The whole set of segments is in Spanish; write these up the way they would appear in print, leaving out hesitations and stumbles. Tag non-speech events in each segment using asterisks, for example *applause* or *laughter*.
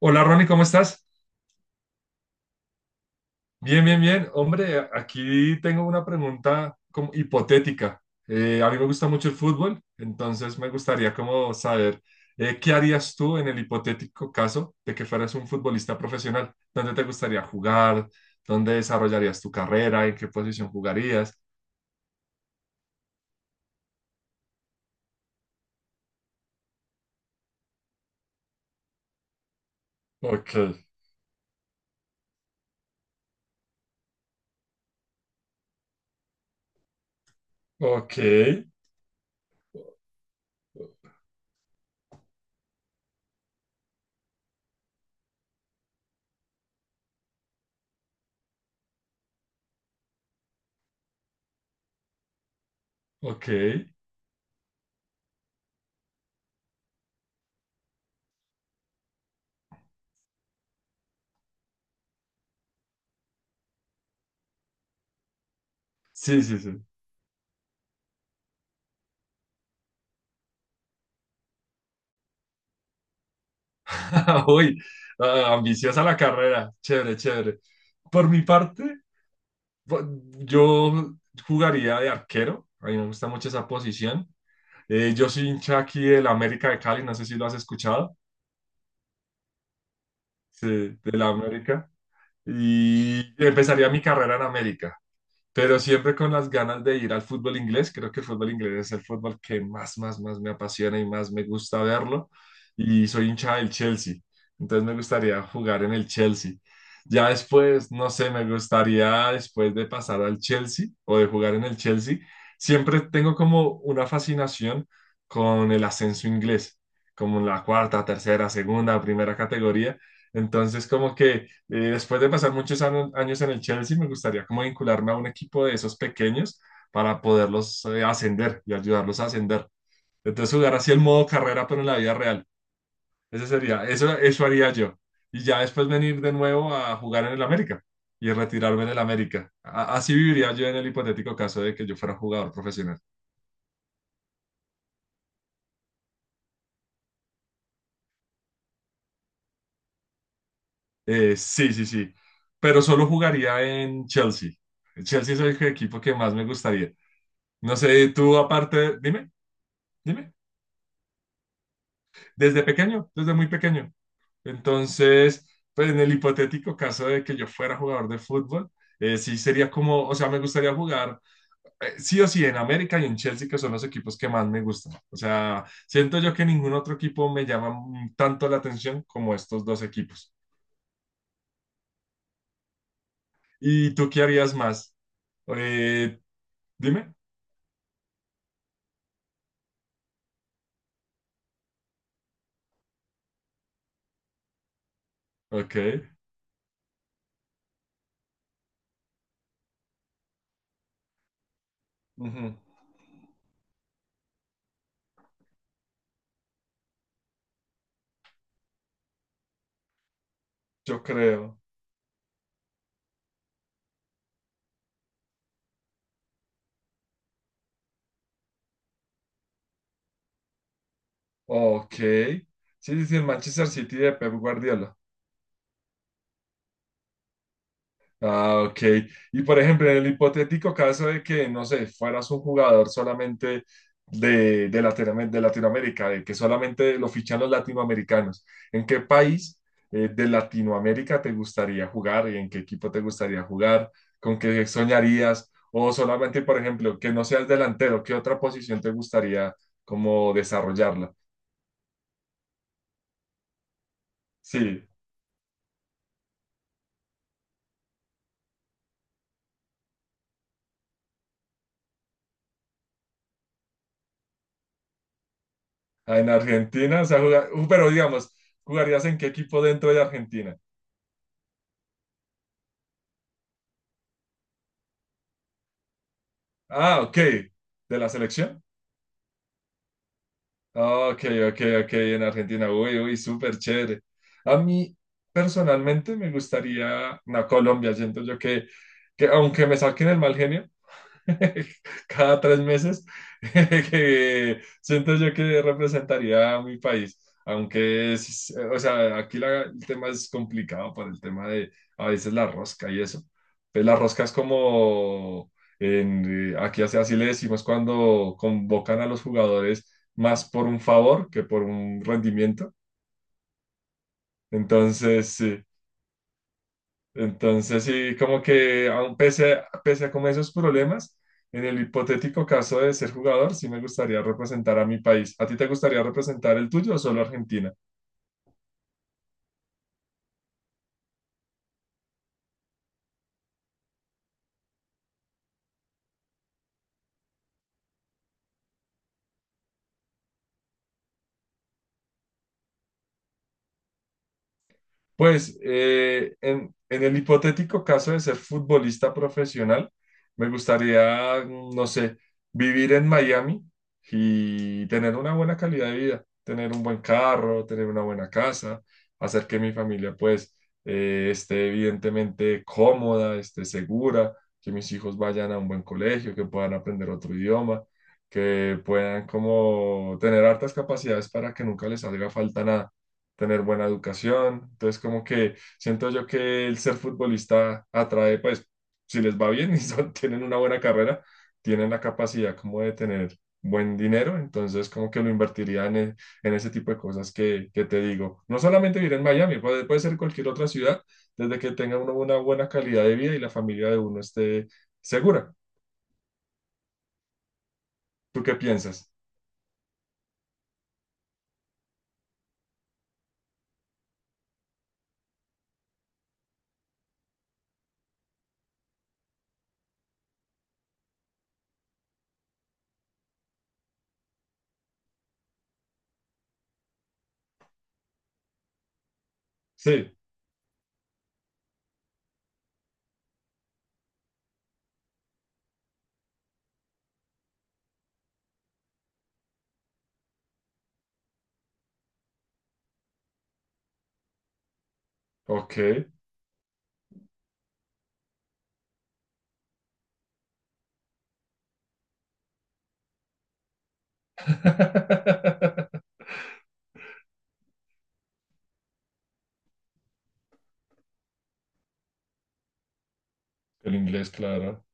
Hola, Ronnie, ¿cómo estás? Bien, bien, bien. Hombre, aquí tengo una pregunta como hipotética. A mí me gusta mucho el fútbol, entonces me gustaría como saber qué harías tú en el hipotético caso de que fueras un futbolista profesional. ¿Dónde te gustaría jugar? ¿Dónde desarrollarías tu carrera? ¿En qué posición jugarías? Ok, ok, ok. Sí, sí, sí. *laughs* Uy, ah, ambiciosa la carrera. Chévere, chévere. Por mi parte... Yo jugaría de arquero, a mí me gusta mucho esa posición. Yo soy hincha aquí del América de Cali, no sé si lo has escuchado, sí, del América. Y empezaría mi carrera en América, pero siempre con las ganas de ir al fútbol inglés. Creo que el fútbol inglés es el fútbol que más me apasiona y más me gusta verlo. Y soy hincha del Chelsea, entonces me gustaría jugar en el Chelsea. Ya después, no sé, me gustaría después de pasar al Chelsea o de jugar en el Chelsea, siempre tengo como una fascinación con el ascenso inglés, como en la cuarta, tercera, segunda, primera categoría. Entonces, como que después de pasar muchos años en el Chelsea, me gustaría como vincularme a un equipo de esos pequeños para poderlos ascender y ayudarlos a ascender. Entonces jugar así el modo carrera, pero en la vida real. Ese sería, eso haría yo. Y ya después venir de nuevo a jugar en el América y retirarme en el América. Así viviría yo en el hipotético caso de que yo fuera jugador profesional. Sí, sí, sí. Pero solo jugaría en Chelsea. Chelsea es el equipo que más me gustaría. No sé, tú aparte, dime, dime. Desde pequeño, desde muy pequeño. Entonces, pues en el hipotético caso de que yo fuera jugador de fútbol, sí sería como, o sea, me gustaría jugar, sí o sí, en América y en Chelsea, que son los equipos que más me gustan. O sea, siento yo que ningún otro equipo me llama tanto la atención como estos dos equipos. ¿Y tú qué harías más? Eh, dime. Ok. Ujú. Yo creo. Ok. Sí, sí, sí, el Manchester City de Pep Guardiola. Ah, ok. Y por ejemplo, en el hipotético caso de que, no sé, fueras un jugador solamente de de Latinoamérica, de que solamente lo fichan los latinoamericanos, ¿en qué país, de Latinoamérica, te gustaría jugar y en qué equipo te gustaría jugar? ¿Con qué soñarías? O solamente, por ejemplo, que no seas delantero, ¿qué otra posición te gustaría como desarrollarla? Sí, en Argentina, o sea, pero digamos, ¿jugarías en qué equipo dentro de Argentina? Ah, ok. ¿De la selección? Ok, ok, ok, en Argentina. Uy, uy, súper chévere. A mí, personalmente, me gustaría, no, Colombia, siento yo que aunque me saquen el mal genio *laughs* cada tres meses, *laughs* que siento yo que representaría a mi país. Aunque es, o sea, aquí el tema es complicado por el tema de a veces la rosca y eso. Pues la rosca es como, en, aquí así, así le decimos cuando convocan a los jugadores más por un favor que por un rendimiento. Entonces, sí, entonces, sí, como que aún pese a como esos problemas, en el hipotético caso de ser jugador, sí me gustaría representar a mi país. ¿A ti te gustaría representar el tuyo o solo Argentina? Pues en el hipotético caso de ser futbolista profesional, me gustaría, no sé, vivir en Miami y tener una buena calidad de vida, tener un buen carro, tener una buena casa, hacer que mi familia pues esté evidentemente cómoda, esté segura, que mis hijos vayan a un buen colegio, que puedan aprender otro idioma, que puedan como tener hartas capacidades para que nunca les haga falta nada, tener buena educación. Entonces, como que siento yo que el ser futbolista atrae, pues, si les va bien *laughs* y tienen una buena carrera, tienen la capacidad como de tener buen dinero, entonces como que lo invertiría en ese tipo de cosas que te digo. No solamente vivir en Miami, puede, puede ser cualquier otra ciudad, desde que tenga uno una buena calidad de vida y la familia de uno esté segura. ¿Tú qué piensas? Sí, ok. *laughs* El inglés, claro.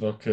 Ok.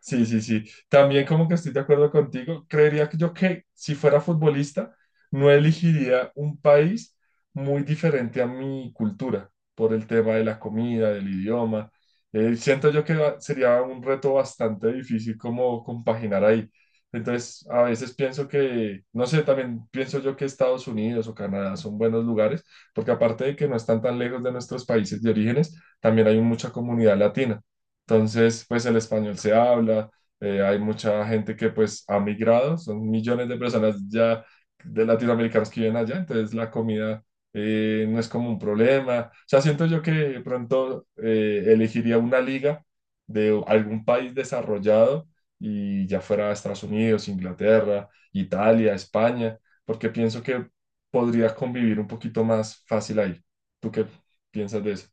Sí, sí, sí. También como que estoy de acuerdo contigo. Creería que yo que si fuera futbolista, no elegiría un país muy diferente a mi cultura por el tema de la comida, del idioma. Siento yo que sería un reto bastante difícil como compaginar ahí. Entonces, a veces pienso que, no sé, también pienso yo que Estados Unidos o Canadá son buenos lugares, porque aparte de que no están tan lejos de nuestros países de orígenes, también hay mucha comunidad latina. Entonces, pues el español se habla, hay mucha gente que pues ha migrado, son millones de personas ya de latinoamericanos que viven allá, entonces la comida no es como un problema. O sea, siento yo que de pronto elegiría una liga de algún país desarrollado, y ya fuera Estados Unidos, Inglaterra, Italia, España, porque pienso que podría convivir un poquito más fácil ahí. ¿Tú qué piensas de eso?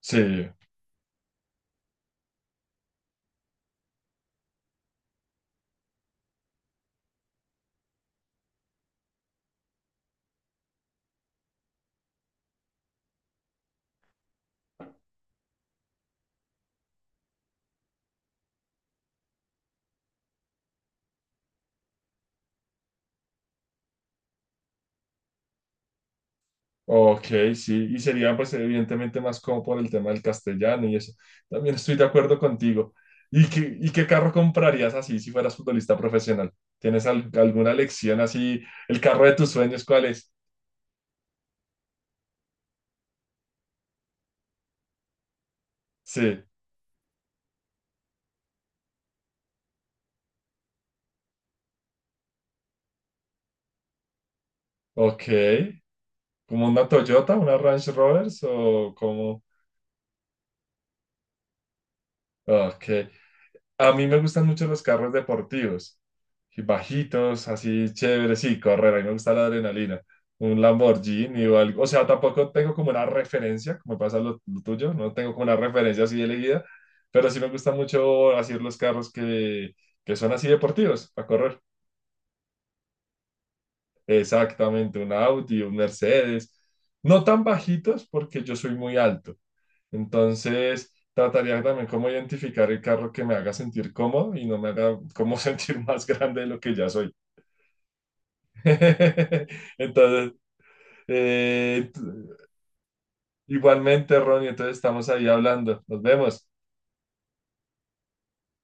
Sí, ok, sí, y sería pues evidentemente más como por el tema del castellano y eso. También estoy de acuerdo contigo. Y qué carro comprarías así si fueras futbolista profesional? ¿Tienes alguna lección así? ¿El carro de tus sueños cuál es? Sí, ok. ¿Como una Toyota, una Range Rovers o como... Ok. A mí me gustan mucho los carros deportivos, y bajitos, así chéveres, sí, correr, a mí me gusta la adrenalina. Un Lamborghini o algo, o sea, tampoco tengo como una referencia, como pasa lo tuyo, no tengo como una referencia así elegida, pero sí me gusta mucho hacer los carros que son así deportivos para correr. Exactamente, un Audi, un Mercedes, no tan bajitos porque yo soy muy alto. Entonces, trataría también cómo identificar el carro que me haga sentir cómodo y no me haga como *laughs* sentir más grande de lo que ya soy. *laughs* Entonces, eh, igualmente, Ronnie, entonces estamos ahí hablando. Nos vemos.